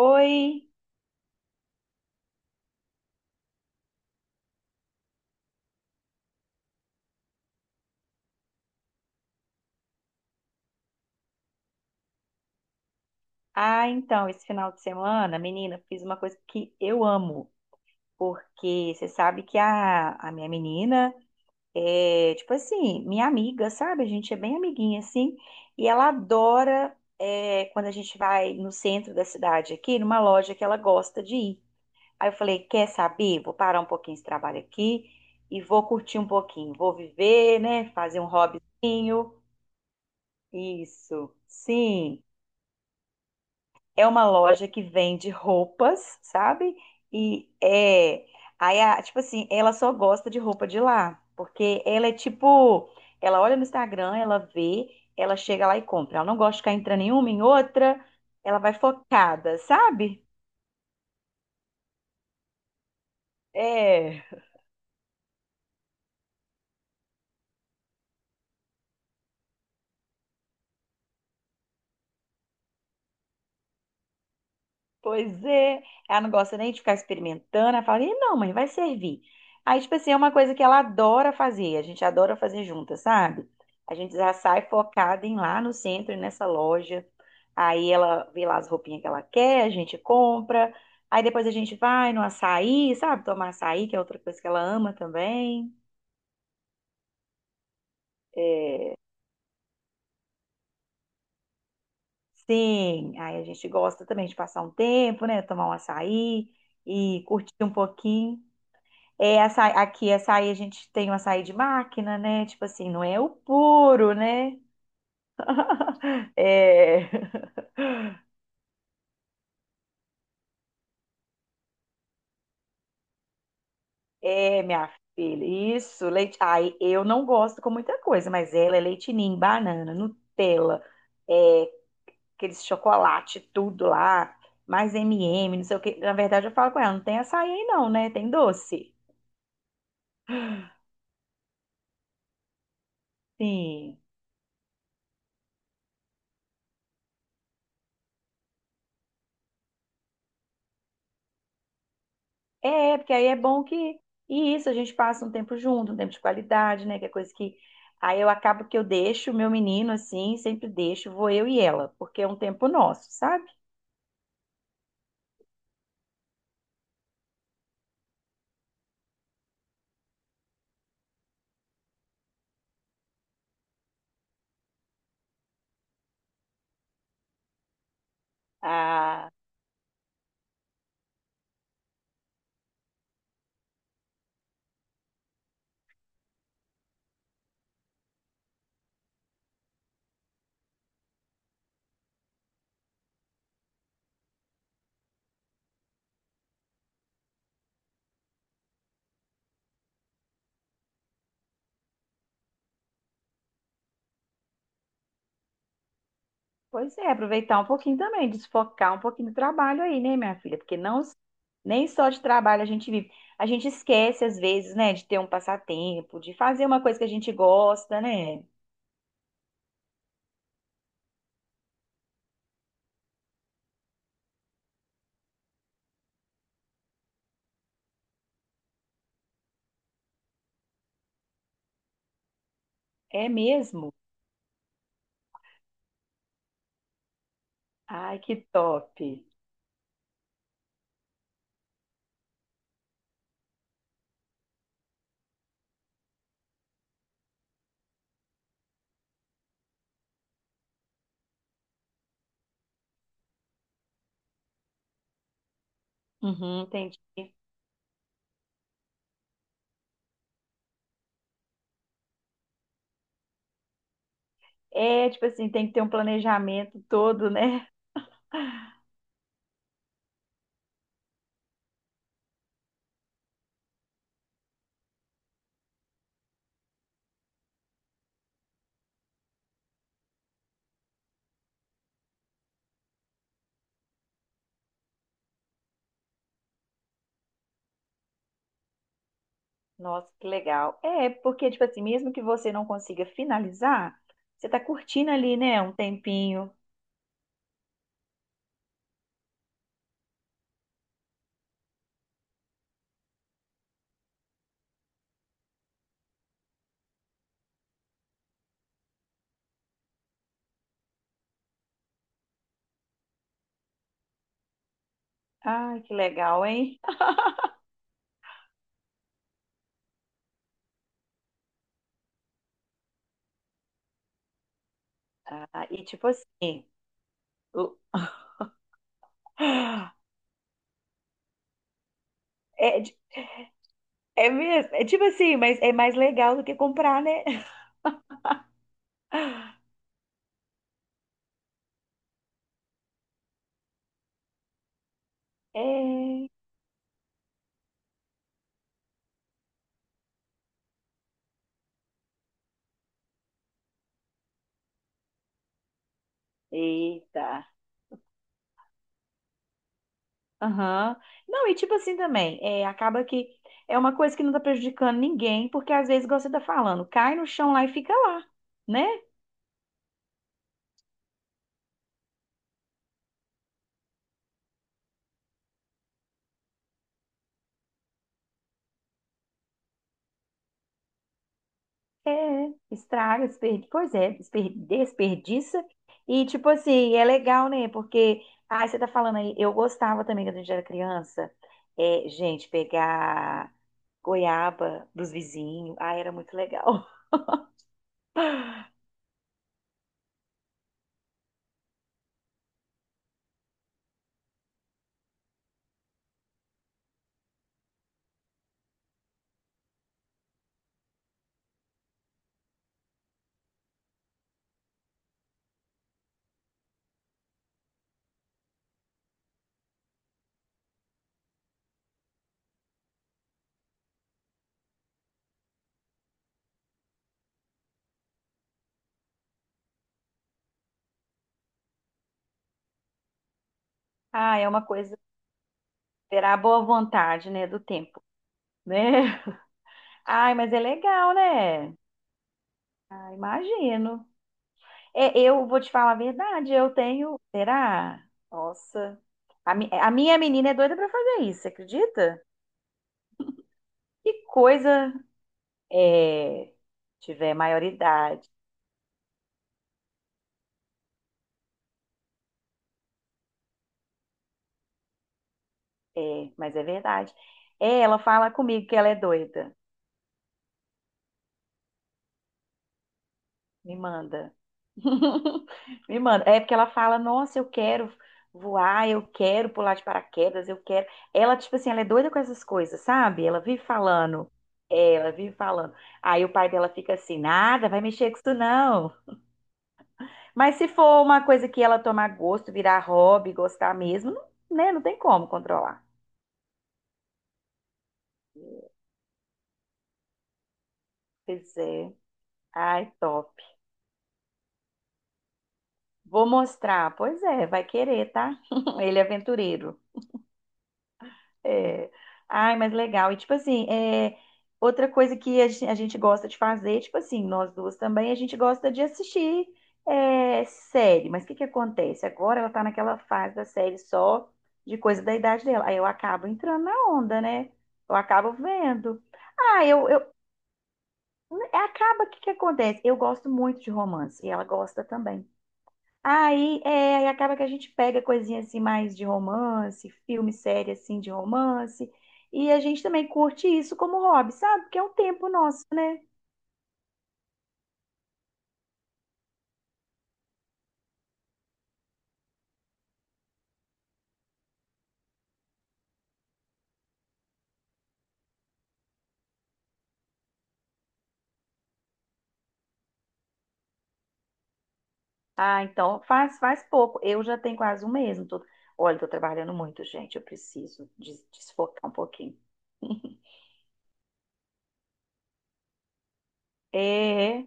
Oi! Ah, então, esse final de semana, menina, fiz uma coisa que eu amo, porque você sabe que a minha menina é, tipo assim, minha amiga, sabe? A gente é bem amiguinha, assim, e ela adora é, quando a gente vai no centro da cidade aqui, numa loja que ela gosta de ir. Aí eu falei, quer saber? Vou parar um pouquinho esse trabalho aqui e vou curtir um pouquinho, vou viver, né? Fazer um hobbyzinho. Isso, sim. É uma loja que vende roupas, sabe? E é. Aí, tipo assim, ela só gosta de roupa de lá. Porque ela é tipo. Ela olha no Instagram, ela vê, ela chega lá e compra. Ela não gosta de ficar entrando em uma, em outra. Ela vai focada, sabe? É. Pois é, ela não gosta nem de ficar experimentando. Ela fala, "Ih, não, mãe, vai servir." Aí, tipo assim, é uma coisa que ela adora fazer, a gente adora fazer juntas, sabe? A gente já sai focada em ir lá no centro, nessa loja. Aí ela vê lá as roupinhas que ela quer, a gente compra. Aí depois a gente vai no açaí, sabe? Tomar açaí, que é outra coisa que ela ama também. Sim, aí a gente gosta também de passar um tempo, né? Tomar um açaí e curtir um pouquinho. É açaí, aqui açaí a gente tem o açaí de máquina, né? Tipo assim, não é o puro, né? É, é minha filha, isso, leite. Ai, eu não gosto com muita coisa, mas ela é leite ninho, banana, Nutella, é, aqueles chocolate, tudo lá, mais M&M, não sei o que. Na verdade, eu falo com ela, não tem açaí aí não, né? Tem doce. Sim. É, porque aí é bom que. E isso, a gente passa um tempo junto, um tempo de qualidade, né? Que é coisa que. Aí eu acabo que eu deixo o meu menino assim, sempre deixo, vou eu e ela, porque é um tempo nosso, sabe? Ah, pois é, aproveitar um pouquinho também, desfocar um pouquinho do trabalho aí, né, minha filha? Porque não, nem só de trabalho a gente vive. A gente esquece, às vezes, né, de ter um passatempo, de fazer uma coisa que a gente gosta, né? É mesmo? Ai, que top. Uhum, entendi. É, tipo assim, tem que ter um planejamento todo, né? Nossa, que legal. É, porque, tipo assim, mesmo que você não consiga finalizar, você tá curtindo ali, né? Um tempinho. Ai, que legal, hein? Ah, e tipo assim, o- é, é mesmo, é tipo assim, mas é mais legal do que comprar, né? É. Eita. Aham. Não, e tipo assim também, é, acaba que é uma coisa que não tá prejudicando ninguém, porque às vezes, igual você tá falando, cai no chão lá e fica lá, né? É, estraga, desperdiça. E, tipo assim, é legal, né? Porque, ah, você tá falando aí, eu gostava também quando a gente era criança, é, gente, pegar goiaba dos vizinhos, ah, era muito legal. Ah, é uma coisa, terá a boa vontade, né, do tempo, né? Ai, mas é legal, né? Ah, imagino. É, eu vou te falar a verdade, eu tenho, será? Nossa, a, a minha menina é doida pra fazer isso, você acredita? Que coisa é, tiver maioridade. É, mas é verdade. É, ela fala comigo que ela é doida. Me manda. Me manda. É porque ela fala, nossa, eu quero voar, eu quero pular de paraquedas, eu quero. Ela, tipo assim, ela é doida com essas coisas, sabe? Ela vive falando. É, ela vive falando. Aí o pai dela fica assim, nada, vai mexer com isso não. Mas se for uma coisa que ela tomar gosto, virar hobby, gostar mesmo, não, né? Não tem como controlar. Pois é. Ai, top. Vou mostrar. Pois é, vai querer, tá? Ele é aventureiro. É. Ai, mas legal. E tipo assim, é... outra coisa que a gente gosta de fazer, tipo assim, nós duas também, a gente gosta de assistir é, série. Mas o que que acontece? Agora ela tá naquela fase da série só de coisa da idade dela. Aí eu acabo entrando na onda, né? Eu acabo vendo. Ah, eu... né, acaba, o que que acontece? Eu gosto muito de romance e ela gosta também. Aí, é, aí acaba que a gente pega coisinha assim mais de romance, filme, série assim de romance, e a gente também curte isso como hobby, sabe? Porque é um tempo nosso, né? Ah, então faz pouco. Eu já tenho quase um mês. Não tô... Olha, tô trabalhando muito, gente. Eu preciso desfocar um pouquinho. É.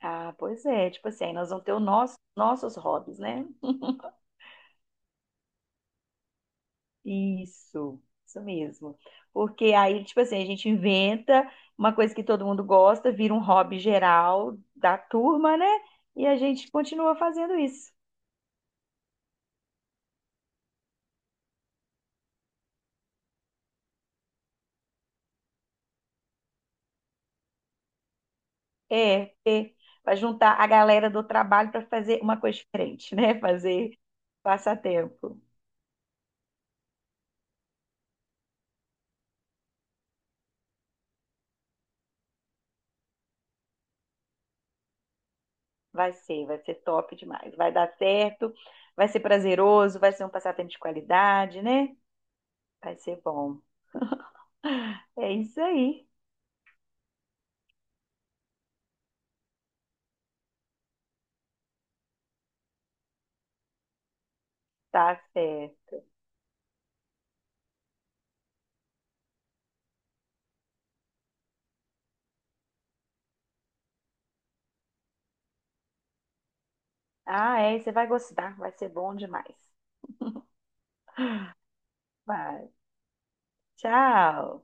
Ah, pois é. Tipo assim, aí nós vamos ter os nossos hobbies, né? Isso, isso mesmo. Porque aí, tipo assim, a gente inventa uma coisa que todo mundo gosta, vira um hobby geral da turma, né? E a gente continua fazendo isso. É, é para juntar a galera do trabalho para fazer uma coisa diferente, né? Fazer passatempo. Vai ser top demais. Vai dar certo, vai ser prazeroso, vai ser um passatempo de qualidade, né? Vai ser bom. É isso aí, tá certo. Ah, é, você vai gostar, vai ser bom demais. Vai, tchau.